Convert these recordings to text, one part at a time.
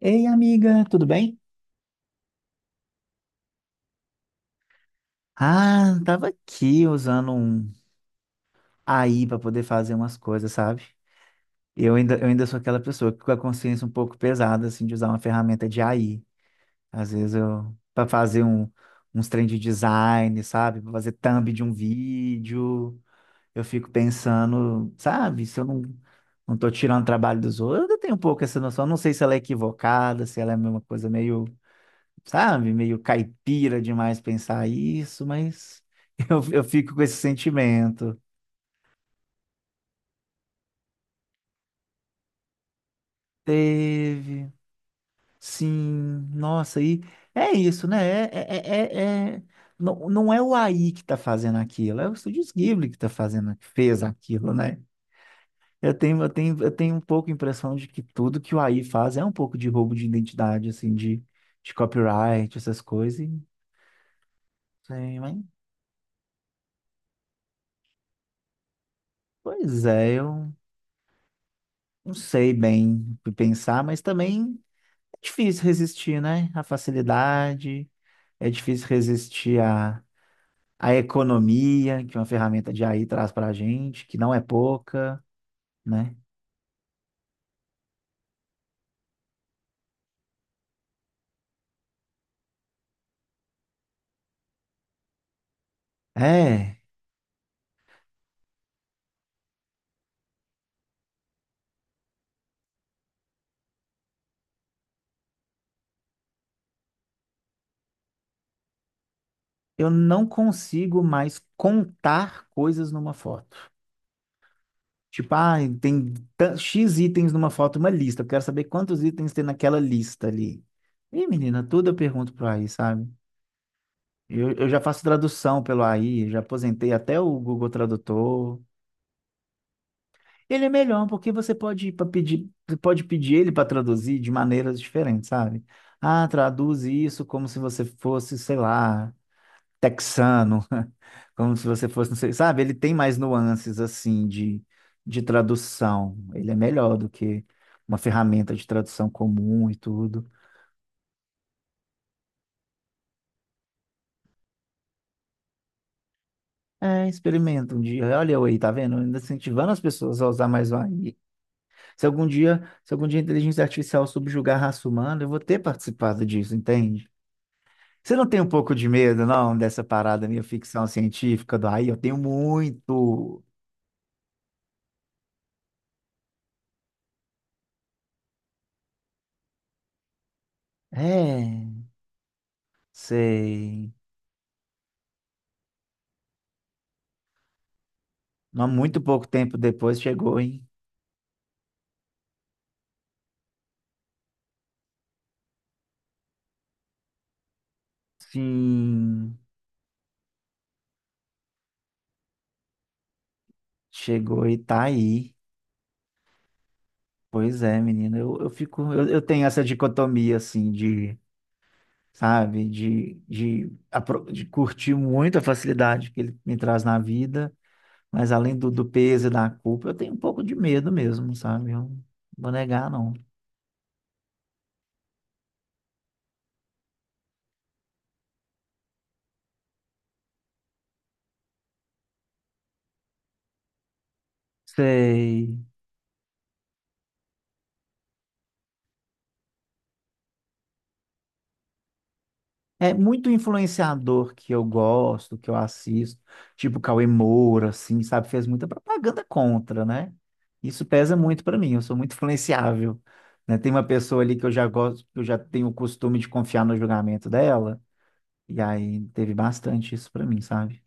Ei, amiga, tudo bem? Ah, tava aqui usando um AI para poder fazer umas coisas, sabe? Eu ainda sou aquela pessoa que com a consciência um pouco pesada, assim, de usar uma ferramenta de AI. Às vezes eu, para fazer um, uns trem de design, sabe? Para fazer thumb de um vídeo, eu fico pensando, sabe? Se eu não, Não tô tirando trabalho dos outros, eu ainda tenho um pouco essa noção. Eu não sei se ela é equivocada, se ela é uma coisa meio, sabe? Meio caipira demais pensar isso, mas eu fico com esse sentimento. Teve, sim, nossa, e é isso, né? É- é- não, não é o AI que está fazendo aquilo, é o Estúdios Ghibli que está fazendo, que fez aquilo, né? Eu tenho um pouco a impressão de que tudo que o AI faz é um pouco de roubo de identidade, assim, de copyright, essas coisas. Sei, mas, pois é, eu não sei bem o que pensar, mas também. Difícil resistir, né? À facilidade, é difícil resistir à, à economia que uma ferramenta de AI traz para a gente, que não é pouca, né? É, eu não consigo mais contar coisas numa foto. Tipo, ah, X itens numa foto, uma lista. Eu quero saber quantos itens tem naquela lista ali. Ih, menina, tudo eu pergunto pro AI, sabe? Eu já faço tradução pelo AI, já aposentei até o Google Tradutor. Ele é melhor porque você pode pedir ele para traduzir de maneiras diferentes, sabe? Ah, traduz isso como se você fosse, sei lá, texano, como se você fosse, não sei, sabe? Ele tem mais nuances assim de tradução. Ele é melhor do que uma ferramenta de tradução comum e tudo. É, experimenta um dia. Olha eu aí, tá vendo? Ainda incentivando as pessoas a usar mais o AI. Se algum dia a inteligência artificial subjugar a raça humana, eu vou ter participado disso, entende? Você não tem um pouco de medo, não, dessa parada meio ficção científica do aí? Eu tenho muito. É, sei. Mas muito pouco tempo depois chegou, hein? Sim, chegou e tá aí. Pois é, menino. Eu fico. Eu tenho essa dicotomia, assim, de, sabe, de curtir muito a facilidade que ele me traz na vida, mas além do, do peso e da culpa, eu tenho um pouco de medo mesmo, sabe? Eu não vou negar, não. Sei. É muito influenciador que eu gosto, que eu assisto, tipo Cauê Moura, assim, sabe? Fez muita propaganda contra, né? Isso pesa muito para mim, eu sou muito influenciável, né? Tem uma pessoa ali que eu já gosto, que eu já tenho o costume de confiar no julgamento dela, e aí teve bastante isso para mim, sabe?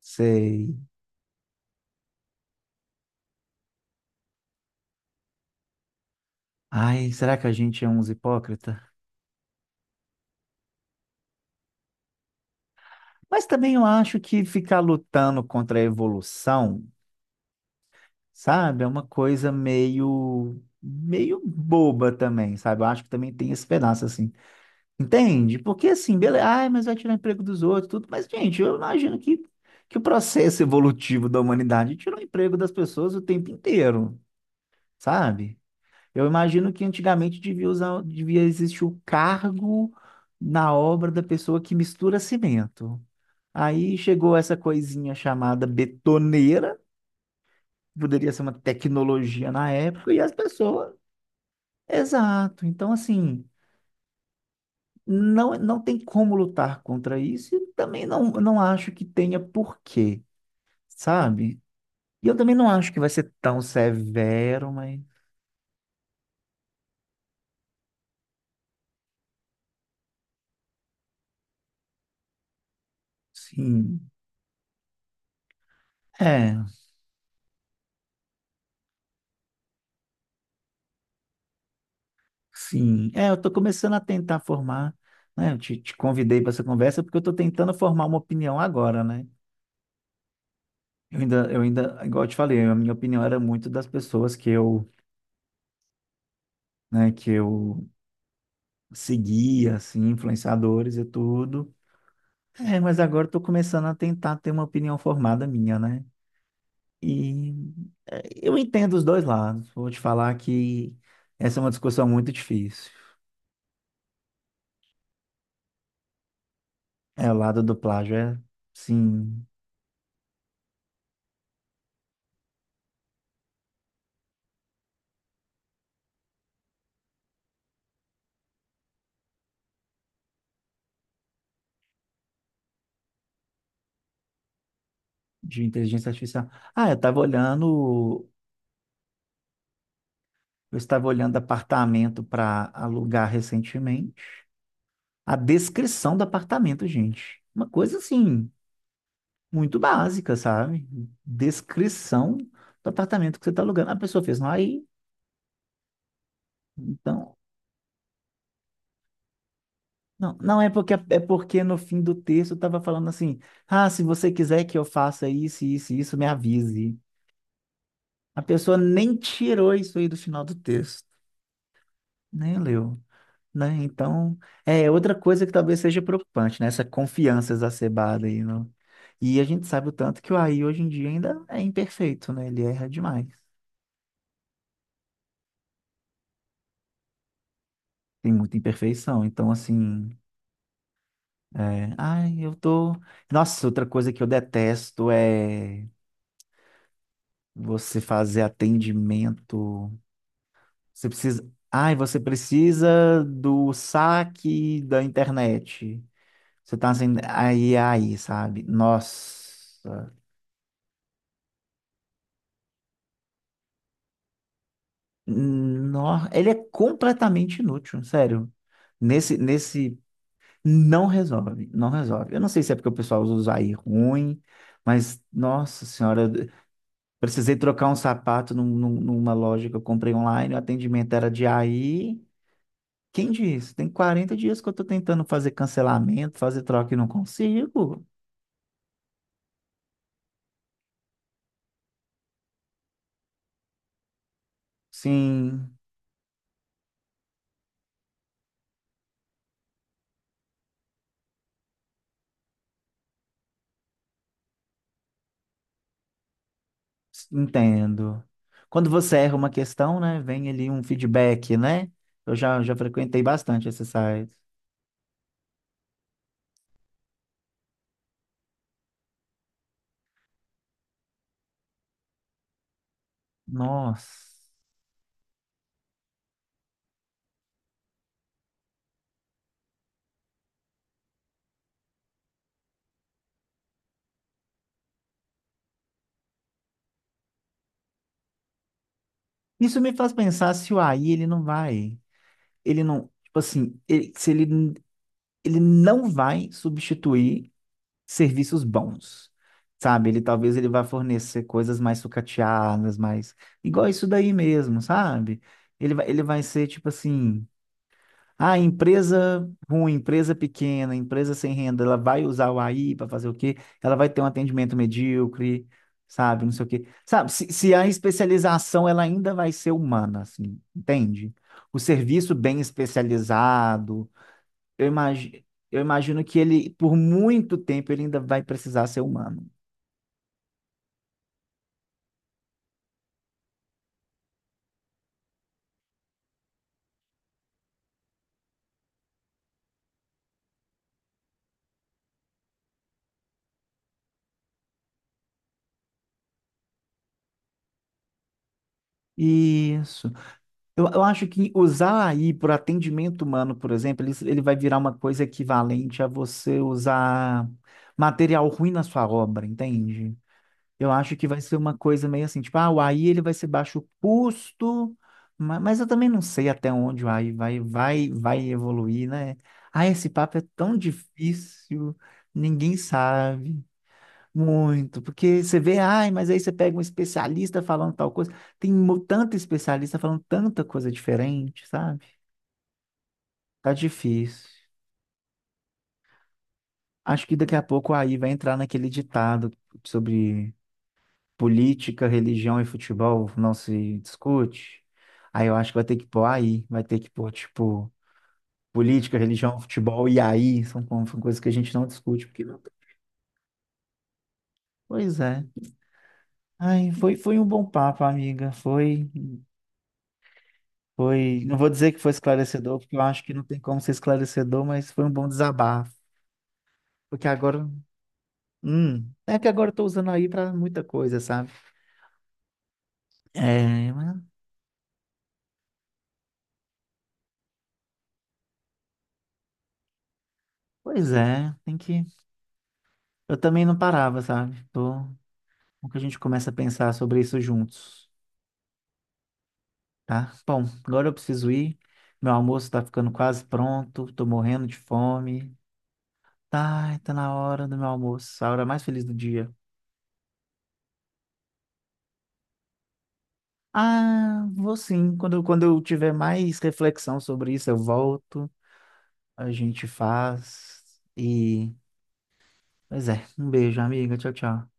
Sei. Ai, será que a gente é uns hipócrita? Mas também eu acho que ficar lutando contra a evolução, sabe? É uma coisa meio meio boba também, sabe? Eu acho que também tem esse pedaço assim. Entende? Porque assim, beleza, ai, mas vai tirar emprego dos outros, tudo. Mas gente, eu imagino que o processo evolutivo da humanidade tirou o emprego das pessoas o tempo inteiro, sabe? Eu imagino que antigamente devia existir o cargo na obra da pessoa que mistura cimento. Aí chegou essa coisinha chamada betoneira, poderia ser uma tecnologia na época, e as pessoas. Exato. Então, assim, não tem como lutar contra isso, e também não acho que tenha porquê, sabe? E eu também não acho que vai ser tão severo, mas sim. É, sim. É, eu tô começando a tentar formar, né? Eu te convidei para essa conversa porque eu tô tentando formar uma opinião agora, né? Igual eu te falei, a minha opinião era muito das pessoas que eu, né, que eu seguia, assim, influenciadores e tudo. É, mas agora estou começando a tentar ter uma opinião formada minha, né? E é, eu entendo os dois lados. Vou te falar que essa é uma discussão muito difícil. É, o lado do plágio é, sim, de inteligência artificial. Ah, eu estava olhando apartamento para alugar recentemente. A descrição do apartamento, gente. Uma coisa assim, muito básica, sabe? Descrição do apartamento que você está alugando. A pessoa fez, não, aí, então, Não, não é porque é porque no fim do texto estava falando assim, ah, se você quiser que eu faça isso, isso, isso, me avise. A pessoa nem tirou isso aí do final do texto, nem leu, né? Então, é outra coisa que talvez seja preocupante, né? Essa confiança exacerbada aí, no... E a gente sabe o tanto que o AI hoje em dia ainda é imperfeito, né? Ele erra demais. Tem muita imperfeição. Então, assim, é, ai, eu tô. Nossa, outra coisa que eu detesto é você fazer atendimento. Você precisa. Ai, você precisa do saque da internet. Você tá assim, aí, aí, sabe? Nossa. No... Ele é completamente inútil, sério. Nesse, nesse. Não resolve, não resolve. Eu não sei se é porque o pessoal usa aí ruim, mas, nossa senhora. Precisei trocar um sapato numa loja que eu comprei online, o atendimento era de aí. Quem disse? Tem 40 dias que eu estou tentando fazer cancelamento, fazer troca e não consigo. Sim, entendo. Quando você erra uma questão, né, vem ali um feedback, né? Já frequentei bastante esse site. Nossa. Isso me faz pensar se o AI ele não vai, ele não, tipo assim, ele- se ele, ele não vai substituir serviços bons, sabe? Ele talvez ele vá fornecer coisas mais sucateadas, mais igual isso daí mesmo, sabe? Ele vai ser tipo assim, ah, empresa ruim, empresa pequena, empresa sem renda, ela vai usar o AI para fazer o quê? Ela vai ter um atendimento medíocre, sabe? Não sei o quê. Sabe, se a especialização ela ainda vai ser humana, assim, entende? O serviço bem especializado, eu imagino, eu imagino que ele, por muito tempo, ele ainda vai precisar ser humano. Isso. Eu acho que usar a AI por atendimento humano, por exemplo, ele vai virar uma coisa equivalente a você usar material ruim na sua obra, entende? Eu acho que vai ser uma coisa meio assim, tipo, ah, o AI ele vai ser baixo custo, mas, eu também não sei até onde o AI vai evoluir, né? Ah, esse papo é tão difícil, ninguém sabe. Muito, porque você vê, ai, mas aí você pega um especialista falando tal coisa, tanto especialista falando tanta coisa diferente, sabe? Tá difícil. Acho que daqui a pouco aí vai entrar naquele ditado sobre política, religião e futebol não se discute. Aí eu acho que vai ter que pôr aí, vai ter que pôr, tipo, política, religião, futebol e aí, são, são coisas que a gente não discute, porque não... Pois é. Ai, foi um bom papo, amiga, foi. Foi, não vou dizer que foi esclarecedor, porque eu acho que não tem como ser esclarecedor, mas foi um bom desabafo. Porque agora, é que agora eu tô usando aí pra muita coisa, sabe? É, mas- pois é, tem que. Eu também não parava, sabe? Tô, como que a gente começa a pensar sobre isso juntos, tá? Bom, agora eu preciso ir. Meu almoço tá ficando quase pronto, tô morrendo de fome. Tá, tá na hora do meu almoço, a hora mais feliz do dia. Ah, vou sim. Quando eu tiver mais reflexão sobre isso, eu volto, a gente faz. E, pois é, um beijo, amiga. Tchau, tchau.